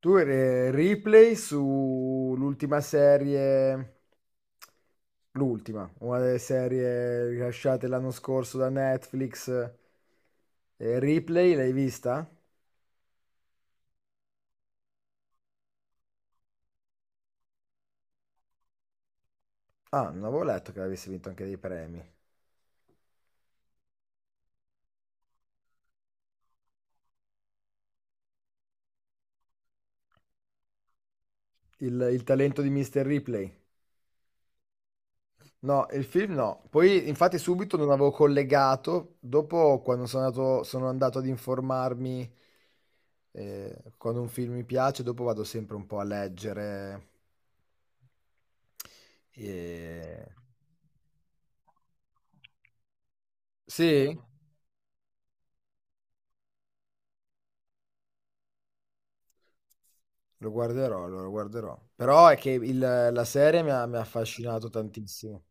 Tu eri replay sull'ultima serie, l'ultima, una delle serie rilasciate l'anno scorso da Netflix. Ripley, l'hai vista? Ah, non avevo letto che avesse vinto anche dei premi. Il talento di Mr. Ripley. No, il film no. Poi, infatti, subito non avevo collegato. Dopo, sono andato ad informarmi, quando un film mi piace, dopo vado sempre un po' a leggere. E- Sì, lo guarderò, lo guarderò. Però è che il- la serie mi ha affascinato tantissimo.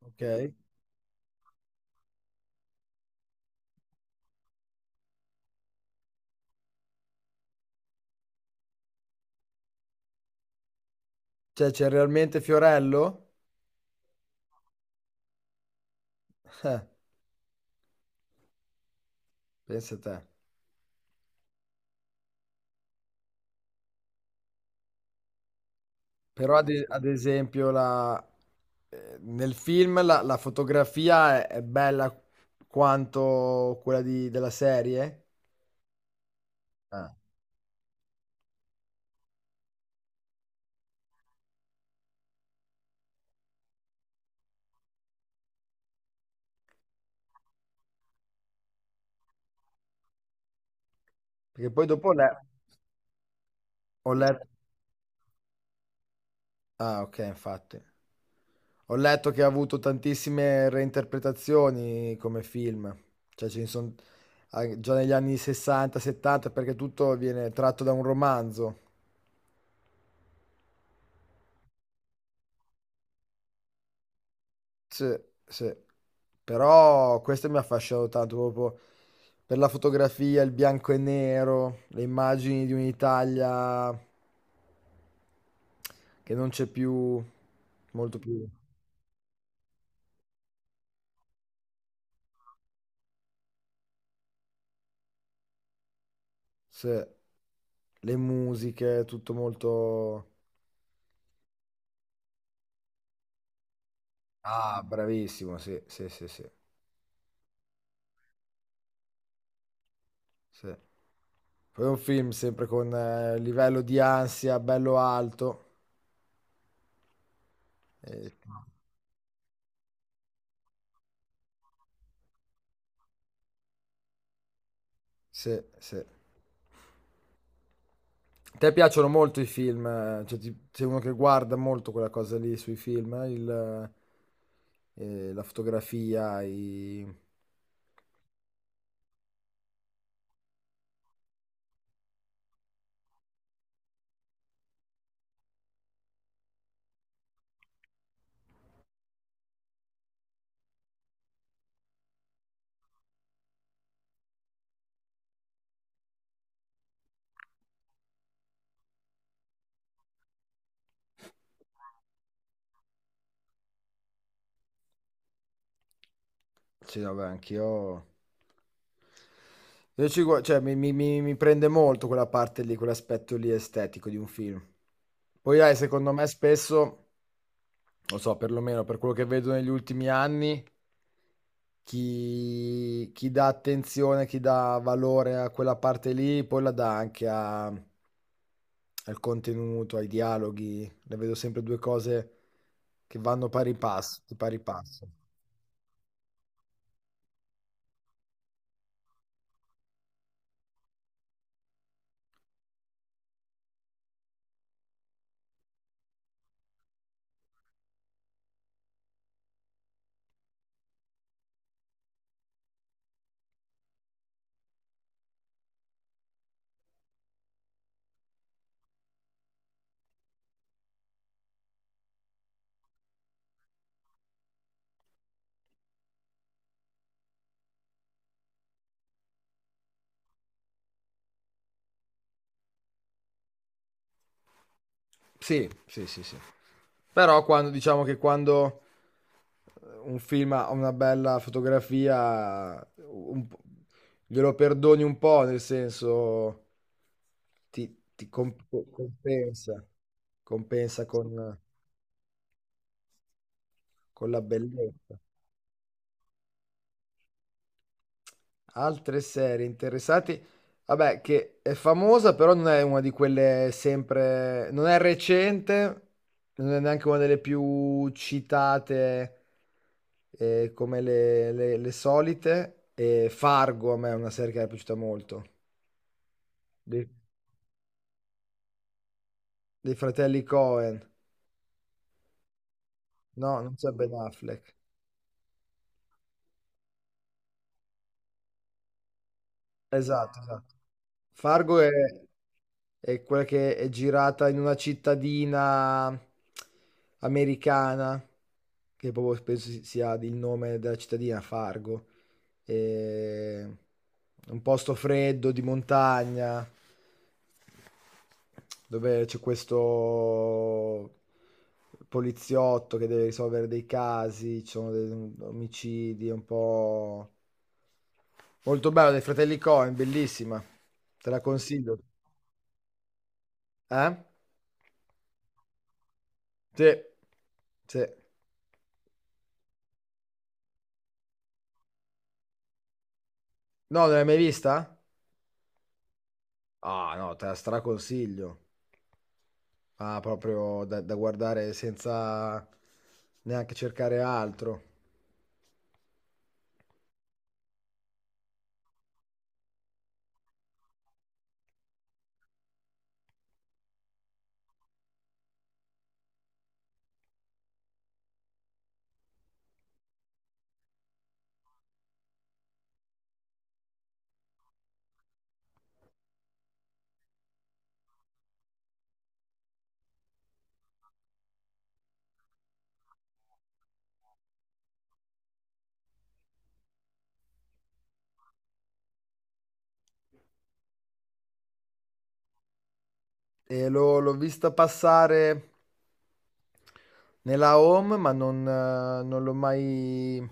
Ok? Cioè, c'è realmente Fiorello? Eh, pensa te. Però ad esempio la- nel film la fotografia è bella quanto quella di- della serie. Eh, Perché poi dopo ho le- ho letto. Ah, ok, infatti. Ho letto che ha avuto tantissime reinterpretazioni come film, cioè ce ne sono già negli anni 60, 70, perché tutto viene tratto da un romanzo. Sì, sì. Però questo mi ha affascinato tanto, proprio per la fotografia, il bianco e nero, le immagini di un'Italia che non c'è più, molto più. Sì. Le musiche, tutto molto... Ah, bravissimo, sì, sì, sì, sì, sì. Poi è un film sempre con livello di ansia bello alto. Eh, sì, sì. A te piacciono molto i film, cioè, ti- sei uno che guarda molto quella cosa lì sui film, la fotografia, i... Sì, vabbè, anch'io... Io ci gua- cioè, mi prende molto quella parte lì, quell'aspetto lì estetico di un film. Poi hai, secondo me, spesso, lo so, perlomeno per quello che vedo negli ultimi anni, chi dà attenzione, chi dà valore a quella parte lì, poi la dà anche a- al contenuto, ai dialoghi. Ne vedo sempre due cose che vanno pari passo, di pari passo. Sì, sì, sì, sì. Però quando diciamo che quando un film ha una bella fotografia, un po' glielo perdoni un po', nel senso compensa, compensa con la bellezza. Altre serie interessati. Vabbè, che è famosa, però non è una di quelle sempre... Non è recente, non è neanche una delle più citate come le solite. E Fargo a me è una serie che mi è piaciuta molto. Dei, dei fratelli Cohen. No, non c'è Ben Affleck. Esatto, esatto. Fargo è quella che è girata in una cittadina americana, che proprio penso si- sia il nome della cittadina, Fargo. E... Un posto freddo di montagna, dove c'è questo poliziotto che deve risolvere dei casi, ci sono dei omicidi, è un po'... Molto bello, dei fratelli Coen, bellissima. Te la consiglio. Eh? Sì, sì. No, non l'hai mai vista? Ah, no, te la straconsiglio. Ah, proprio da, da guardare senza neanche cercare altro. E l'ho vista passare nella home, ma non, non l'ho mai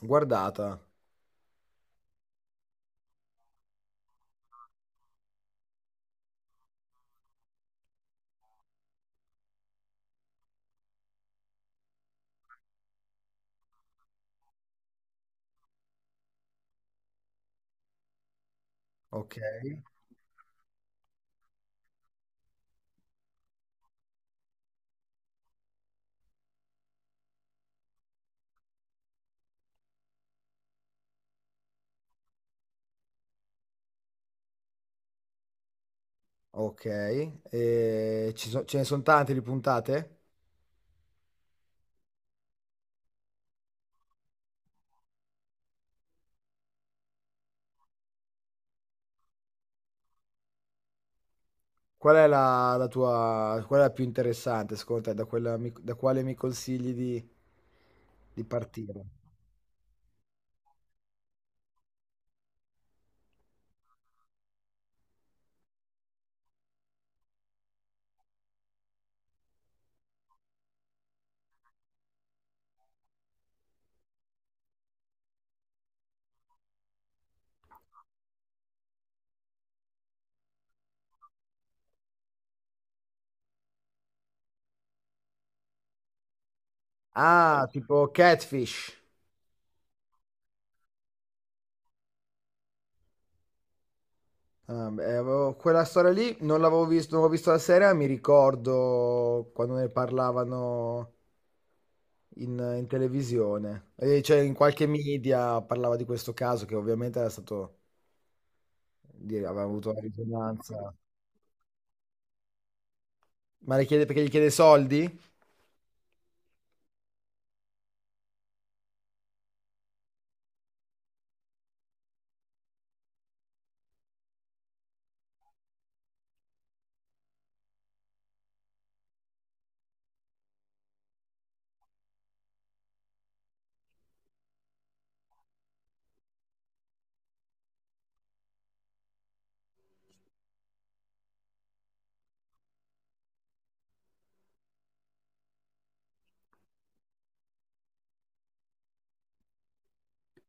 guardata. Ok, ok. E ci so- ce ne sono tante di puntate? Qual è la tua, qual è la più interessante, secondo te? Da, quella mi- da quale mi consigli di partire? Ah, tipo Catfish. Ah, beh, avevo- quella storia lì non l'avevo visto, non ho visto la serie, ma mi ricordo quando ne parlavano in televisione, eh, cioè in qualche media parlava di questo caso che ovviamente era stato, dire, aveva avuto una risonanza. Ma le chiede, perché gli chiede soldi?